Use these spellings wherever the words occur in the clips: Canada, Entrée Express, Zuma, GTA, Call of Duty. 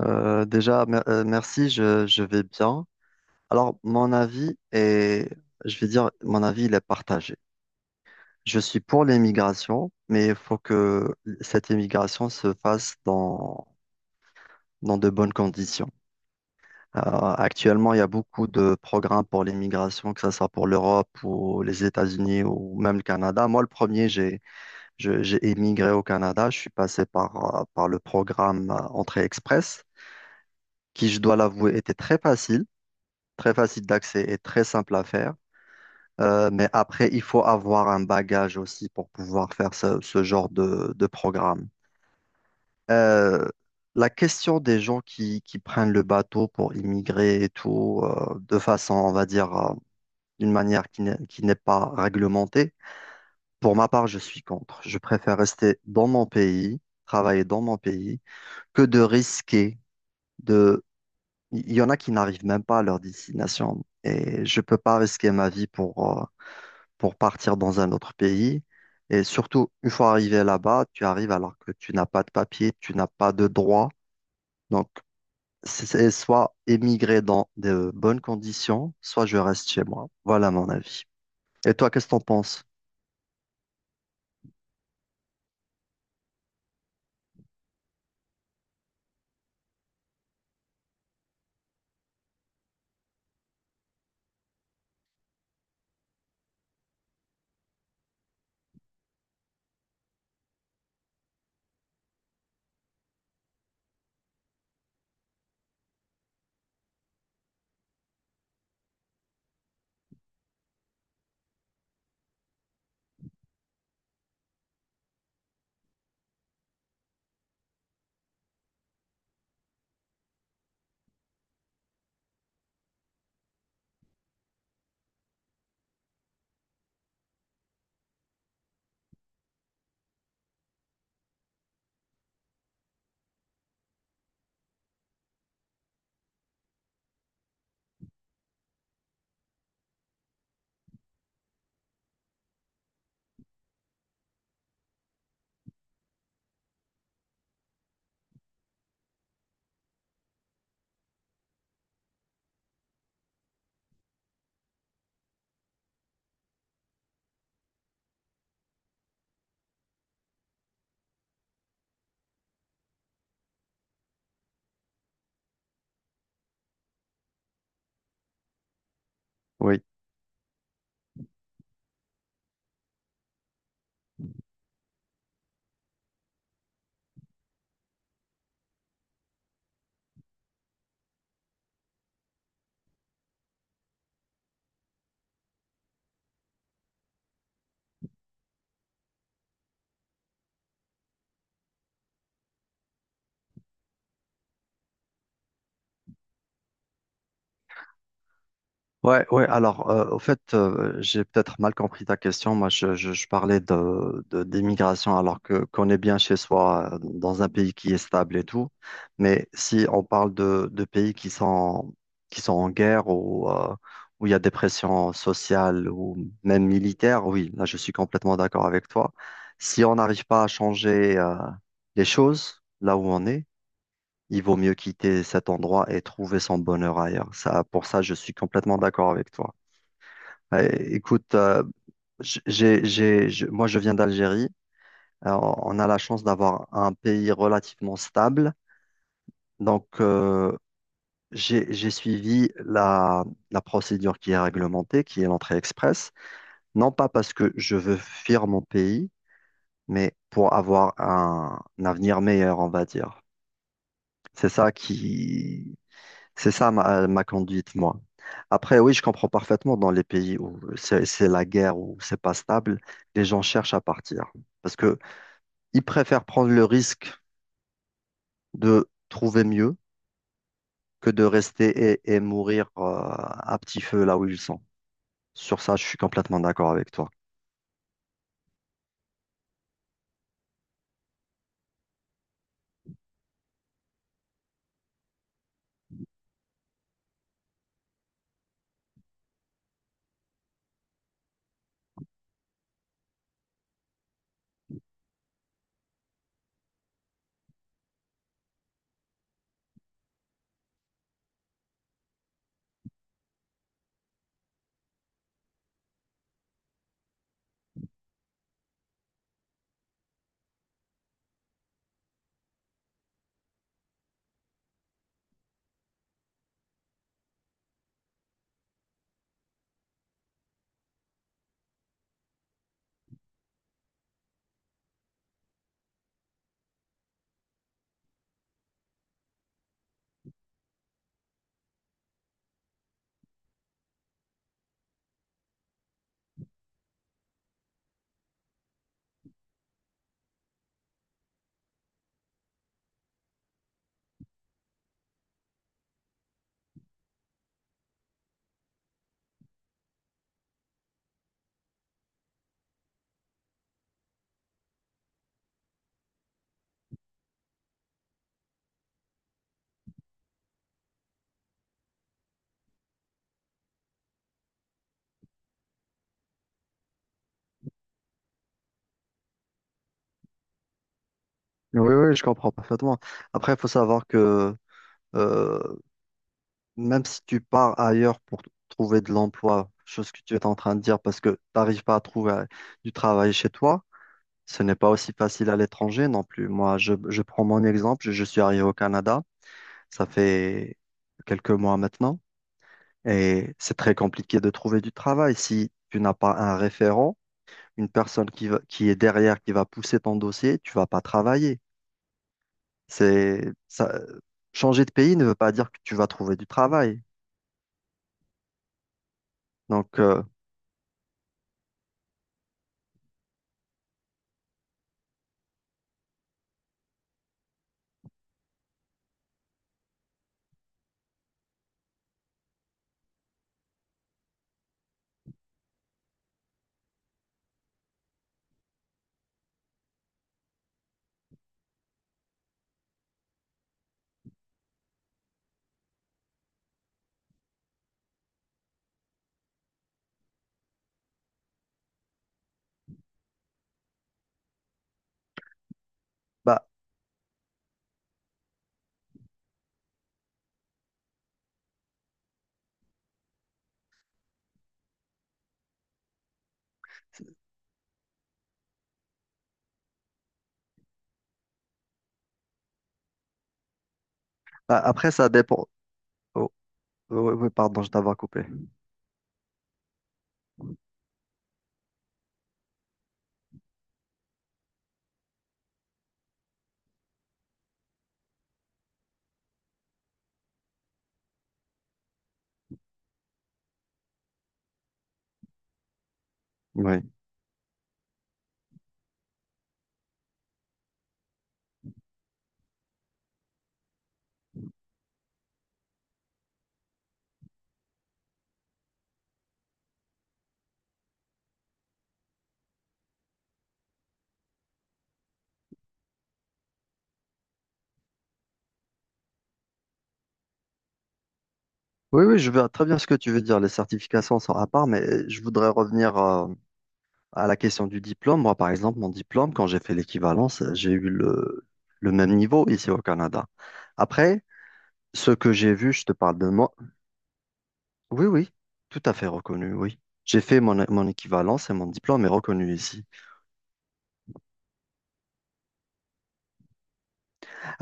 Merci, je vais bien. Alors, mon avis est, je vais dire, mon avis, il est partagé. Je suis pour l'émigration, mais il faut que cette émigration se fasse dans de bonnes conditions. Actuellement, il y a beaucoup de programmes pour l'immigration, que ce soit pour l'Europe ou les États-Unis ou même le Canada. Moi, le premier, j'ai émigré au Canada. Je suis passé par le programme Entrée Express, qui, je dois l'avouer, était très facile. Très facile d'accès et très simple à faire. Mais après, il faut avoir un bagage aussi pour pouvoir faire ce genre de programme. Euh, la question des gens qui prennent le bateau pour immigrer et tout, de façon, on va dire, d'une manière qui n'est pas réglementée, pour ma part, je suis contre. Je préfère rester dans mon pays, travailler dans mon pays, que de risquer de... Il y en a qui n'arrivent même pas à leur destination. Et je peux pas risquer ma vie pour partir dans un autre pays. Et surtout, une fois arrivé là-bas, tu arrives alors que tu n'as pas de papier, tu n'as pas de droit. Donc, c'est soit émigrer dans de bonnes conditions, soit je reste chez moi. Voilà mon avis. Et toi, qu'est-ce que t'en penses? Oui. Ouais, ouais. Alors, au fait, j'ai peut-être mal compris ta question. Moi, je parlais d'immigration, alors que qu'on est bien chez soi, dans un pays qui est stable et tout. Mais si on parle de pays qui sont en guerre ou où il y a des pressions sociales ou même militaires, oui, là, je suis complètement d'accord avec toi. Si on n'arrive pas à changer les choses là où on est. Il vaut mieux quitter cet endroit et trouver son bonheur ailleurs. Ça, pour ça, je suis complètement d'accord avec toi. Écoute, moi je viens d'Algérie. Euh, on a la chance d'avoir un pays relativement stable. Donc, j'ai suivi la procédure qui est réglementée, qui est l'entrée express. Non pas parce que je veux fuir mon pays, mais pour avoir un avenir meilleur, on va dire. C'est ça qui, C'est ça ma conduite, moi. Après, oui, je comprends parfaitement dans les pays où c'est la guerre, où c'est pas stable, les gens cherchent à partir. Parce que ils préfèrent prendre le risque de trouver mieux que de rester et mourir à petit feu là où ils sont. Sur ça, je suis complètement d'accord avec toi. Oui, oui, je comprends parfaitement. Après, il faut savoir que euh, même si tu pars ailleurs pour trouver de l'emploi, chose que tu es en train de dire parce que tu n'arrives pas à trouver du travail chez toi. Ce n'est pas aussi facile à l'étranger non plus. Moi, je prends mon exemple. Je suis arrivé au Canada. Ça fait quelques mois maintenant. Et c'est très compliqué de trouver du travail. Si tu n'as pas un référent, une personne qui est derrière, qui va pousser ton dossier, tu vas pas travailler. C'est, ça, changer de pays ne veut pas dire que tu vas trouver du travail. Donc, euh, bah, Bah, après, ça dépend. Oh, oh, oui, oui, pardon, je t'avais coupé. Oui. Oui, oui, je vois très bien ce que tu veux dire. Les certifications sont à part, mais je voudrais revenir. À la question du diplôme, moi, par exemple, mon diplôme, quand j'ai fait l'équivalence, j'ai eu le même niveau ici au Canada. Après, ce que j'ai vu, je te parle de moi. Oui, oui, tout à fait reconnu, oui. J'ai fait mon équivalence et mon diplôme est reconnu ici.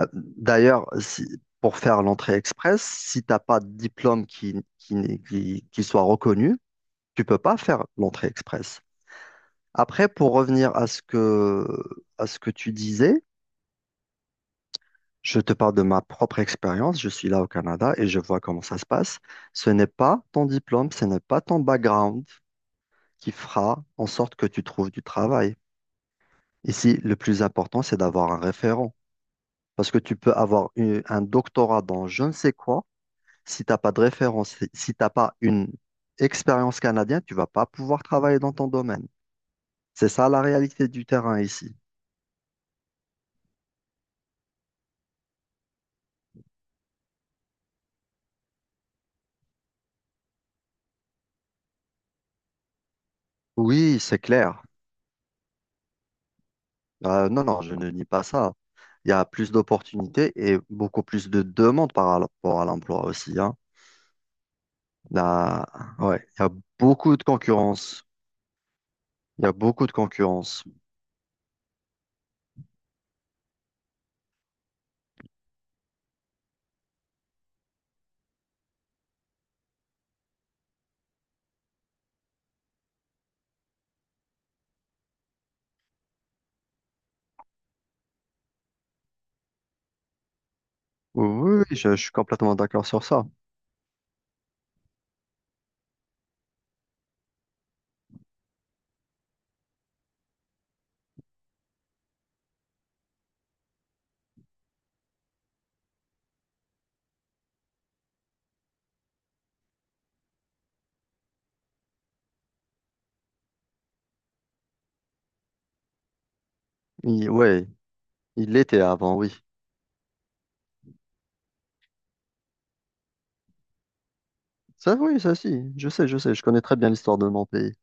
D'ailleurs, pour faire l'entrée express, si tu n'as pas de diplôme qui, n'est- qui soit reconnu, tu peux pas faire l'entrée express. Après, pour revenir à ce à ce que tu disais, je te parle de ma propre expérience. Je suis là au Canada et je vois comment ça se passe. Ce n'est pas ton diplôme, ce n'est pas ton background qui fera en sorte que tu trouves du travail. Ici, le plus important, c'est d'avoir un référent. Parce que tu peux avoir un doctorat dans je ne sais quoi. Si tu n'as pas de référence, si t'as pas une expérience canadienne, tu vas pas pouvoir travailler dans ton domaine. C'est ça la réalité du terrain ici. Oui, c'est clair. Non, non, je ne nie pas ça. Il y a plus d'opportunités et beaucoup plus de demandes par rapport à l'emploi aussi, hein. Là, ouais, il y a beaucoup de concurrence. Il y a beaucoup de concurrence. Oui, oui, oui, je suis complètement d'accord sur ça. Ouais, il l'était avant, oui. Ça, oui, ça, si. Je sais, je sais. Je connais très bien l'histoire de mon pays.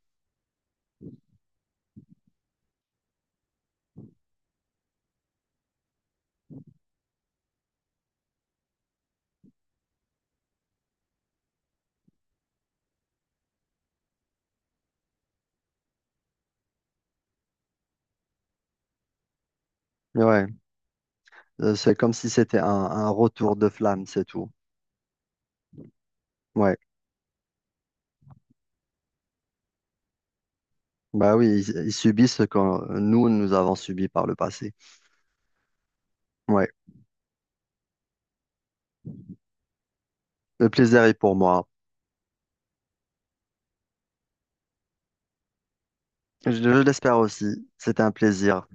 Ouais, c'est comme si c'était un retour de flamme, c'est tout. Ouais, bah oui, ils subissent ce que nous, nous avons subi par le passé. Ouais. Le plaisir est pour moi. Je l'espère aussi. C'était un plaisir.